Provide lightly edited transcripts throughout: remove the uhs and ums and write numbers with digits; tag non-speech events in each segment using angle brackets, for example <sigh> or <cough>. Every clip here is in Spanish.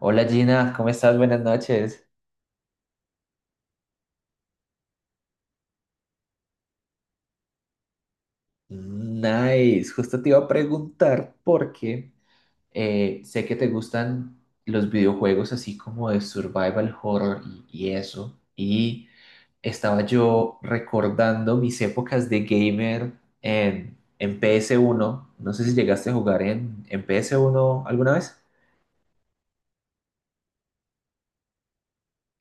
Hola Gina, ¿cómo estás? Buenas noches. Nice, justo te iba a preguntar porque sé que te gustan los videojuegos así como de survival horror y eso. Y estaba yo recordando mis épocas de gamer en ps uno. No sé si llegaste a jugar en ps uno alguna vez.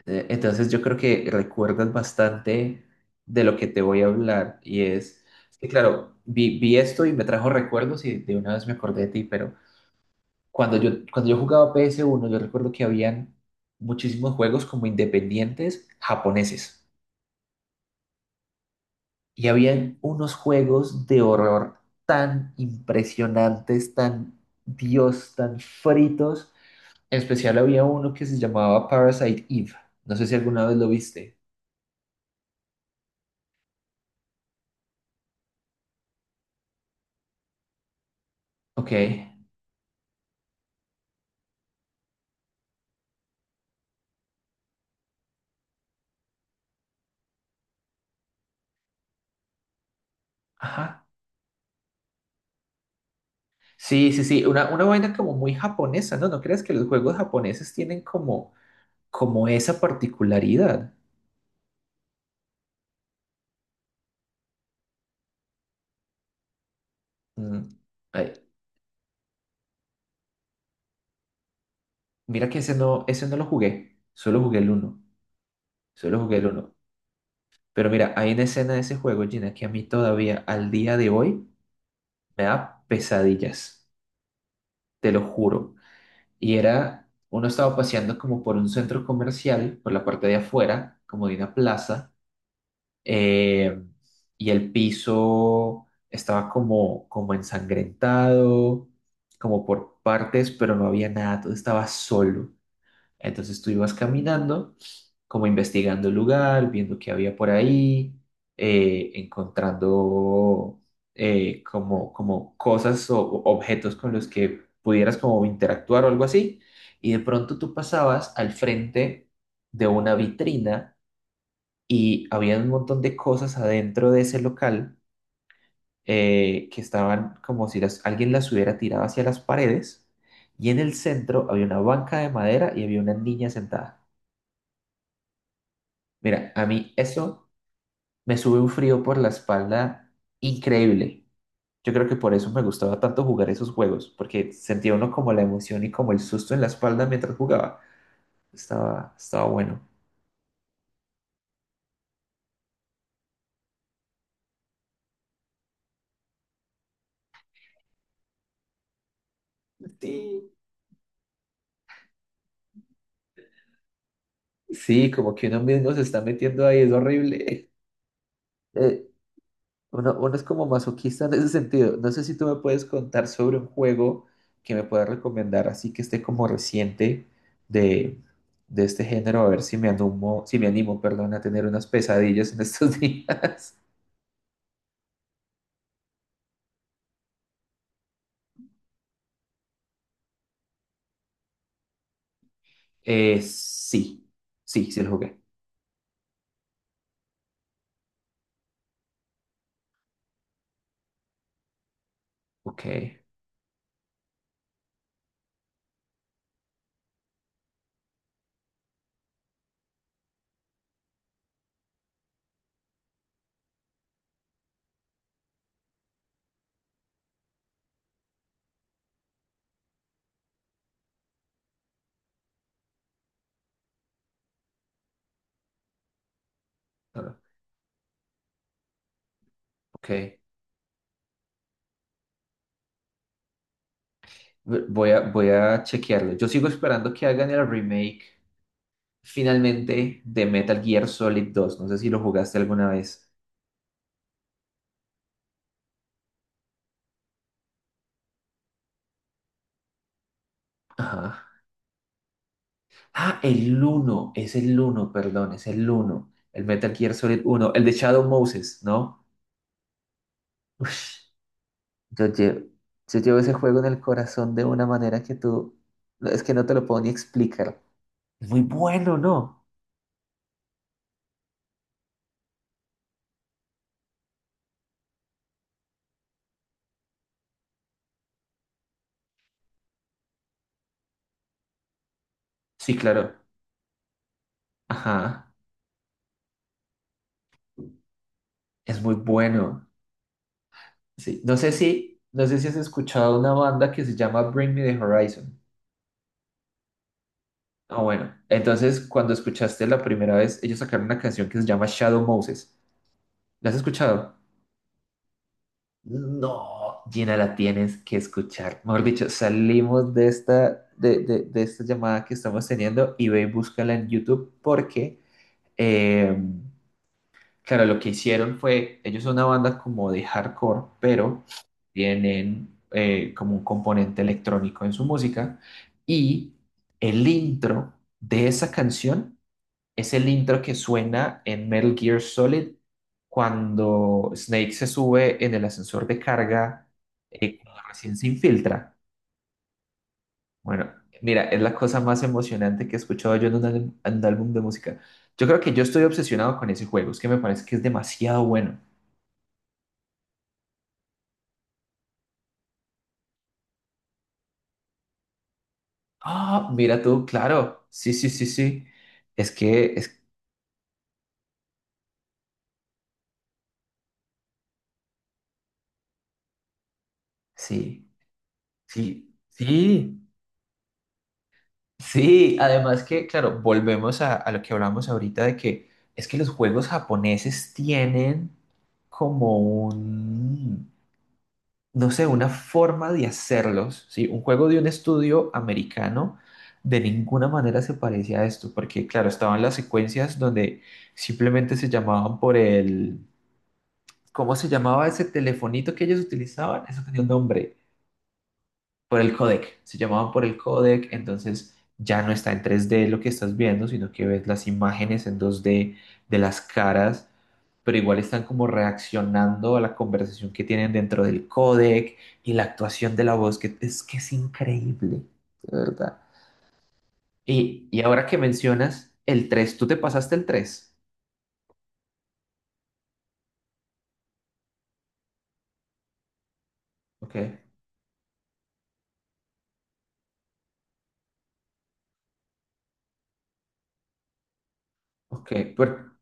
Entonces yo creo que recuerdas bastante de lo que te voy a hablar y es que claro, vi esto y me trajo recuerdos y de una vez me acordé de ti, pero cuando yo jugaba PS1 yo recuerdo que habían muchísimos juegos como independientes japoneses y habían unos juegos de horror tan impresionantes, tan Dios, tan fritos. En especial había uno que se llamaba Parasite Eve. No sé si alguna vez lo viste. Ok. Ajá. Sí, sí, sí, una vaina como muy japonesa, ¿no? ¿No crees que los juegos japoneses tienen como, como esa particularidad? Mm. Ay, mira que ese no lo jugué, solo jugué el uno, solo jugué el uno. Pero mira, hay una escena de ese juego, Gina, que a mí todavía, al día de hoy, me da pesadillas, te lo juro. Y era, uno estaba paseando como por un centro comercial, por la parte de afuera, como de una plaza eh, y el piso estaba como, como ensangrentado, como por partes, pero no había nada, todo estaba solo. Entonces tú ibas caminando, como investigando el lugar, viendo qué había por ahí, encontrando como, como cosas o objetos con los que pudieras como interactuar o algo así. Y de pronto tú pasabas al frente de una vitrina y había un montón de cosas adentro de ese local que estaban como si las, alguien las hubiera tirado hacia las paredes y en el centro había una banca de madera y había una niña sentada. Mira, a mí eso me sube un frío por la espalda increíble. Yo creo que por eso me gustaba tanto jugar esos juegos, porque sentía uno como la emoción y como el susto en la espalda mientras jugaba. Estaba bueno. Sí, sí, como que uno mismo se está metiendo ahí, es horrible. <laughs> Eh, uno es como masoquista en ese sentido. No sé si tú me puedes contar sobre un juego que me puedas recomendar, así que esté como reciente de, de este género, a ver si me animo, si me animo, perdón, a tener unas pesadillas en estos <laughs> días. Sí, sí, sí lo jugué. Ok, ah, ok. Voy a chequearlo. Yo sigo esperando que hagan el remake finalmente de Metal Gear Solid 2. No sé si lo jugaste alguna vez. Ajá. Ah, el 1, es el 1, perdón, es el 1. El Metal Gear Solid uno, el de Shadow Moses, ¿no? Ush, yo llevo, yo llevo ese juego en el corazón de una manera que tú, no, es que no te lo puedo ni explicar. Es muy bueno, ¿no? Sí, claro. Ajá, es muy bueno. Sí, no sé si, no sé si has escuchado una banda que se llama Bring Me the Horizon. Ah, bueno. Entonces, cuando escuchaste la primera vez, ellos sacaron una canción que se llama Shadow Moses. ¿La has escuchado? No, Gina, la tienes que escuchar. Mejor dicho, salimos de esta, de esta llamada que estamos teniendo y ve y búscala en YouTube porque, eh, claro, lo que hicieron fue, ellos son una banda como de hardcore, pero tienen como un componente electrónico en su música y el intro de esa canción es el intro que suena en Metal Gear Solid cuando Snake se sube en el ascensor de carga, cuando recién se infiltra. Bueno, mira, es la cosa más emocionante que he escuchado yo en un, en un álbum de música. Yo creo que yo estoy obsesionado con ese juego, es que me parece que es demasiado bueno. Ah, mira tú, claro. Sí, sí, sí, sí. Es que, es, sí, sí, sí. Sí, además que, claro, volvemos a lo que hablamos ahorita de que es que los juegos japoneses tienen como un, no sé, una forma de hacerlos, ¿sí? Un juego de un estudio americano de ninguna manera se parece a esto, porque, claro, estaban las secuencias donde simplemente se llamaban por el, ¿cómo se llamaba ese telefonito que ellos utilizaban? Eso tenía un nombre por el codec, se llamaban por el codec, entonces ya no está en tres d lo que estás viendo, sino que ves las imágenes en dos d de las caras, pero igual están como reaccionando a la conversación que tienen dentro del codec y la actuación de la voz, que es increíble, de verdad. Y ahora que mencionas el 3 tú te pasaste el tres ok, ok, pero-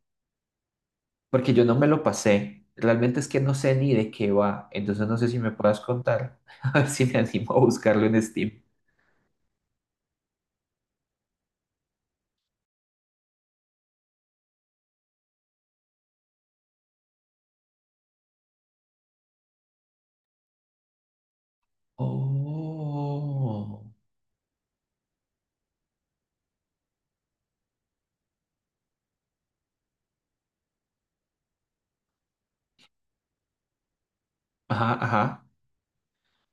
porque yo no me lo pasé. Realmente es que no sé ni de qué va, entonces no sé si me puedas contar, <laughs> a ver si me animo a buscarlo en Steam. Oh, ajá, ajá,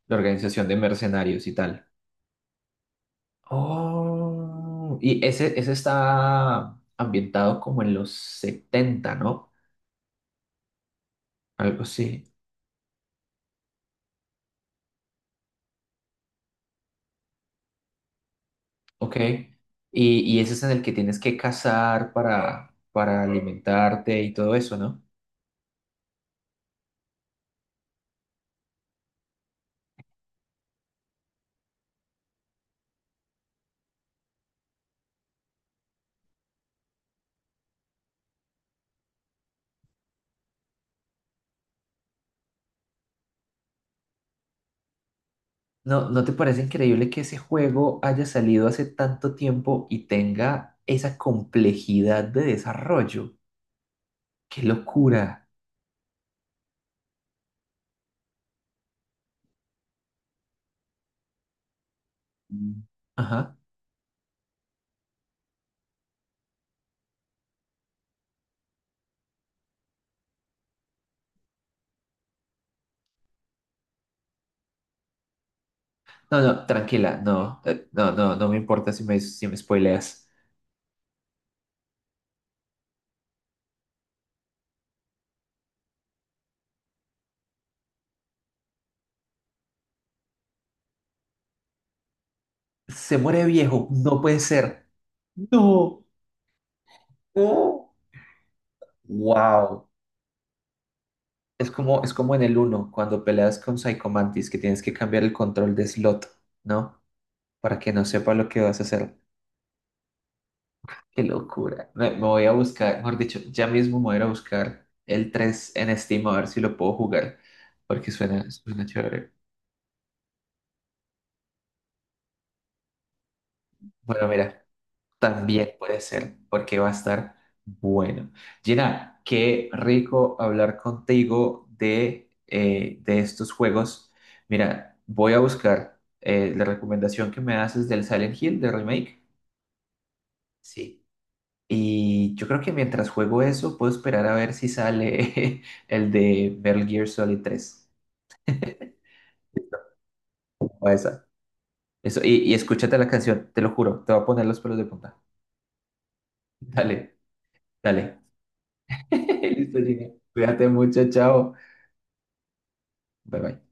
la organización de mercenarios y tal. Oh, y ese está ambientado como en los 70, ¿no? Algo así, ok. Y ese es en el que tienes que cazar para alimentarte y todo eso, ¿no? ¿No, no te parece increíble que ese juego haya salido hace tanto tiempo y tenga esa complejidad de desarrollo? ¡Qué locura! Mm. Ajá. No, no, tranquila, no, no, no, no me importa si me, si me spoileas. Se muere viejo, no puede ser. No, Oh. Wow. Es como en el uno cuando peleas con Psychomantis que tienes que cambiar el control de slot, ¿no? Para que no sepa lo que vas a hacer. Qué locura. Me voy a buscar, mejor dicho, ya mismo me voy a ir a buscar el 3 en Steam a ver si lo puedo jugar, porque suena, suena chévere. Bueno, mira, también puede ser, porque va a estar bueno. Gina, qué rico hablar contigo de estos juegos. Mira, voy a buscar la recomendación que me haces del Silent Hill, del remake. Sí. Y yo creo que mientras juego eso, puedo esperar a ver si sale <laughs> el de Metal Gear Solid 3 o esa. Eso, y escúchate la canción, te lo juro, te va a poner los pelos de punta. Dale, dale. <laughs> Listo, Gina. Cuídate mucho, chao. Bye bye.